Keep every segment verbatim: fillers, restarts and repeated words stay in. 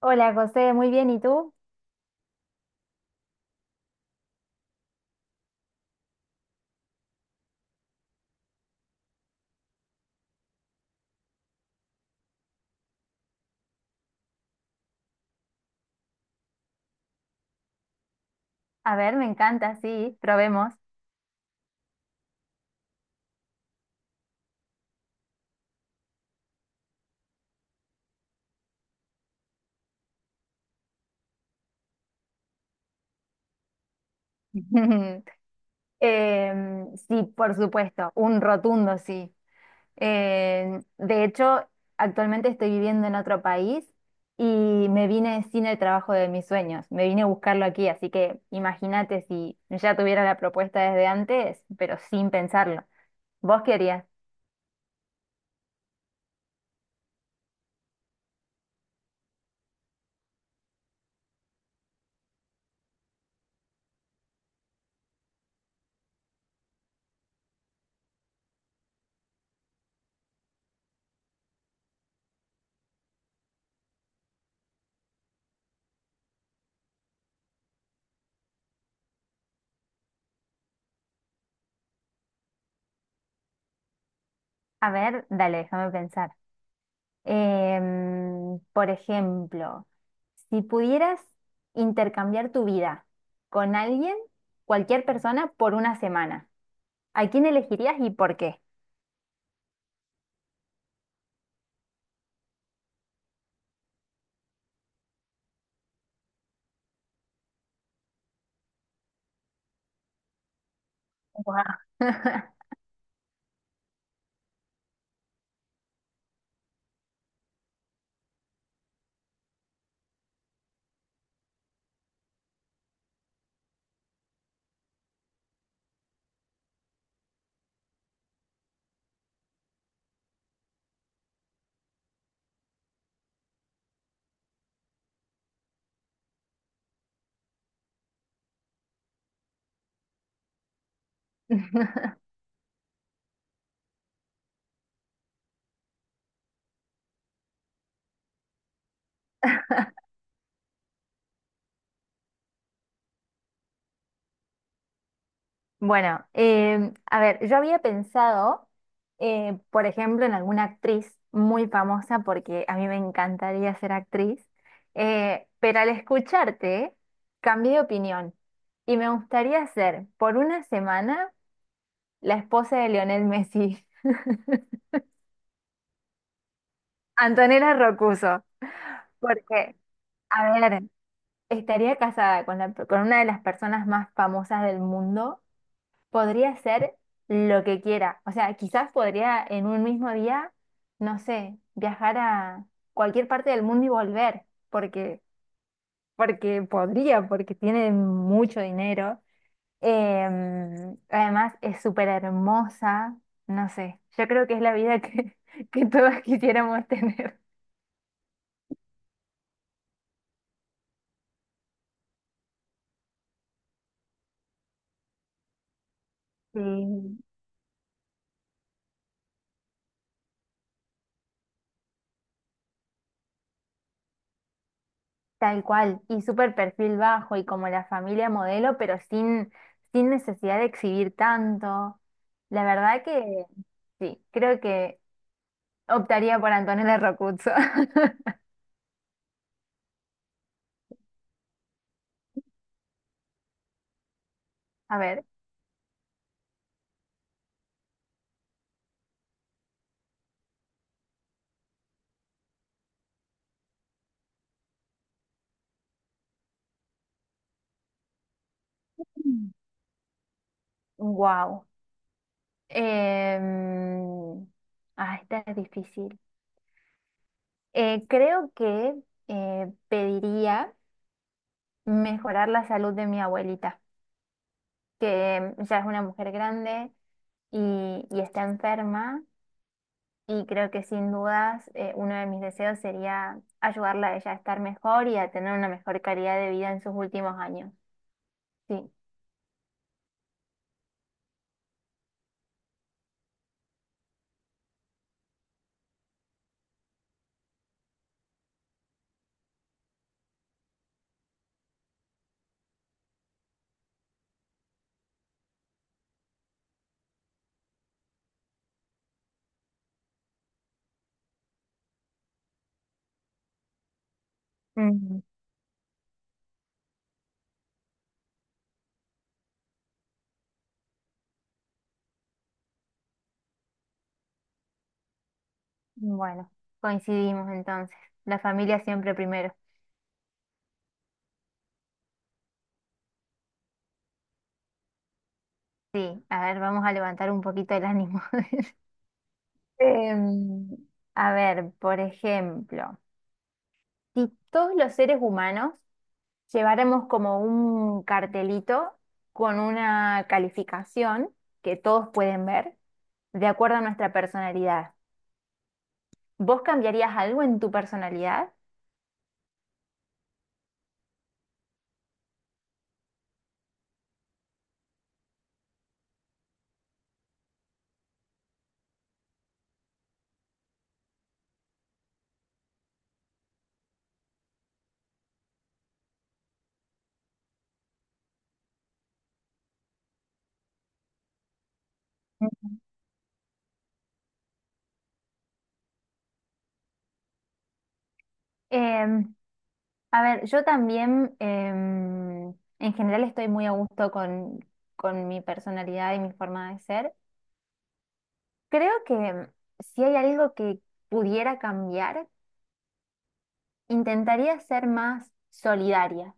Hola José, muy bien, ¿y tú? A ver, me encanta, sí, probemos. Em, sí, por supuesto, un rotundo sí. Em, de hecho, actualmente estoy viviendo en otro país y me vine sin el trabajo de mis sueños, me vine a buscarlo aquí, así que imagínate si ya tuviera la propuesta desde antes, pero sin pensarlo. ¿Vos querías? A ver, dale, déjame pensar. Em, por ejemplo, si pudieras intercambiar tu vida con alguien, cualquier persona, por una semana, ¿a quién elegirías y por qué? Guau. Bueno, em, a ver, yo había pensado, eh, por ejemplo, en alguna actriz muy famosa, porque a mí me encantaría ser actriz, eh, pero al escucharte, cambié de opinión y me gustaría ser por una semana la esposa de Lionel Messi. Antonella Rocuso, porque, a ver, estaría casada con la- con una de las personas más famosas del mundo, podría hacer lo que quiera. O sea, quizás podría en un mismo día, no sé, viajar a cualquier parte del mundo y volver, porque, porque podría, porque tiene mucho dinero. Em, además es súper hermosa, no sé, yo creo que es la vida que, que todos quisiéramos tener. Sí, tal cual, y súper perfil bajo y como la familia modelo, pero sin, sin necesidad de exhibir tanto. La verdad que sí, creo que optaría por Antonella Rocuzzo. A ver, wow. Ah, esta es difícil. Eh, creo que eh, pediría mejorar la salud de mi abuelita, que ya es una mujer grande y, y está enferma. Y creo que sin dudas, eh, uno de mis deseos sería ayudarla a ella a estar mejor y a tener una mejor calidad de vida en sus últimos años. Sí. Mm. Bueno, coincidimos entonces. La familia siempre primero. Sí, a ver, vamos a levantar un poquito el ánimo. Em, a ver, por ejemplo, si todos los seres humanos llevaremos como un cartelito con una calificación que todos pueden ver de acuerdo a nuestra personalidad, ¿vos cambiarías algo en tu personalidad? Em, a ver, yo también, em, en general estoy muy a gusto con, con mi personalidad y mi forma de ser. Creo que si hay algo que pudiera cambiar, intentaría ser más solidaria.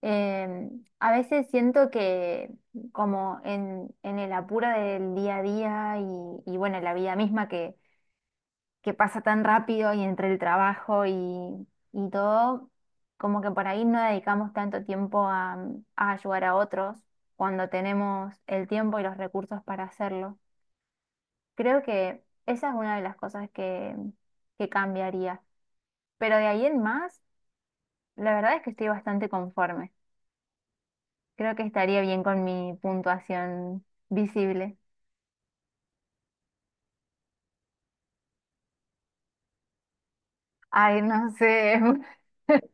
Em, a veces siento que como en, en el apuro del día a día y, y bueno, la vida misma que, que pasa tan rápido y entre el trabajo y, y todo, como que por ahí no dedicamos tanto tiempo a, a ayudar a otros cuando tenemos el tiempo y los recursos para hacerlo. Creo que esa es una de las cosas que, que cambiaría. Pero de ahí en más, la verdad es que estoy bastante conforme. Creo que estaría bien con mi puntuación visible. Ay, no sé.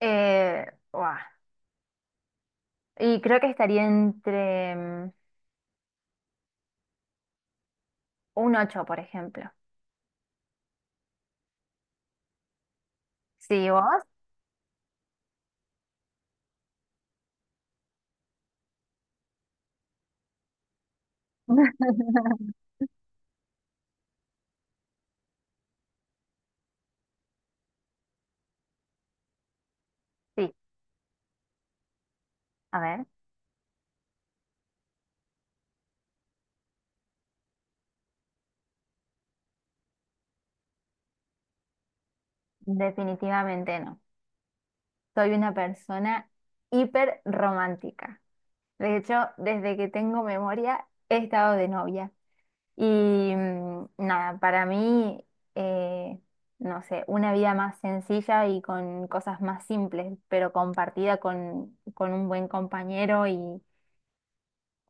Eh, buah. Y creo que estaría entre mm, un ocho por ejemplo. ¿Sí, vos? Sí, a ver, definitivamente no. Soy una persona hiper romántica. De hecho, desde que tengo memoria, he estado de novia. Y mm, nada, para mí, eh, no sé, una vida más sencilla y con cosas más simples, pero compartida con, con un buen compañero y,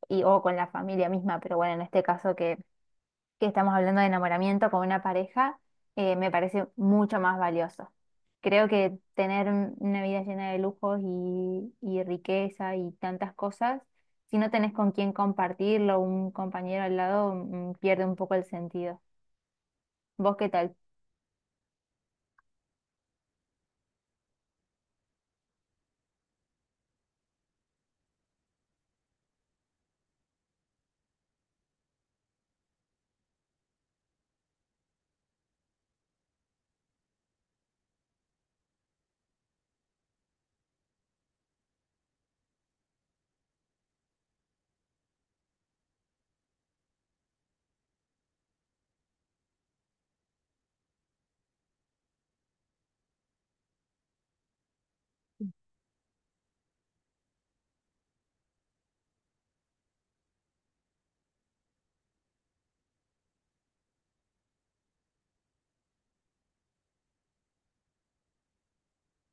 y- o con la familia misma. Pero bueno, en este caso que, que estamos hablando de enamoramiento con una pareja, eh, me parece mucho más valioso. Creo que tener un- una vida llena de lujos y, y riqueza y tantas cosas, si no tenés con quién compartirlo, un compañero al lado, mm, pierde un poco el sentido. ¿Vos qué tal?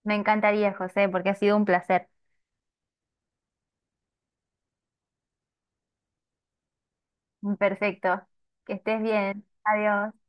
Me encantaría, José, porque ha sido un placer. Perfecto. Que estés bien. Adiós.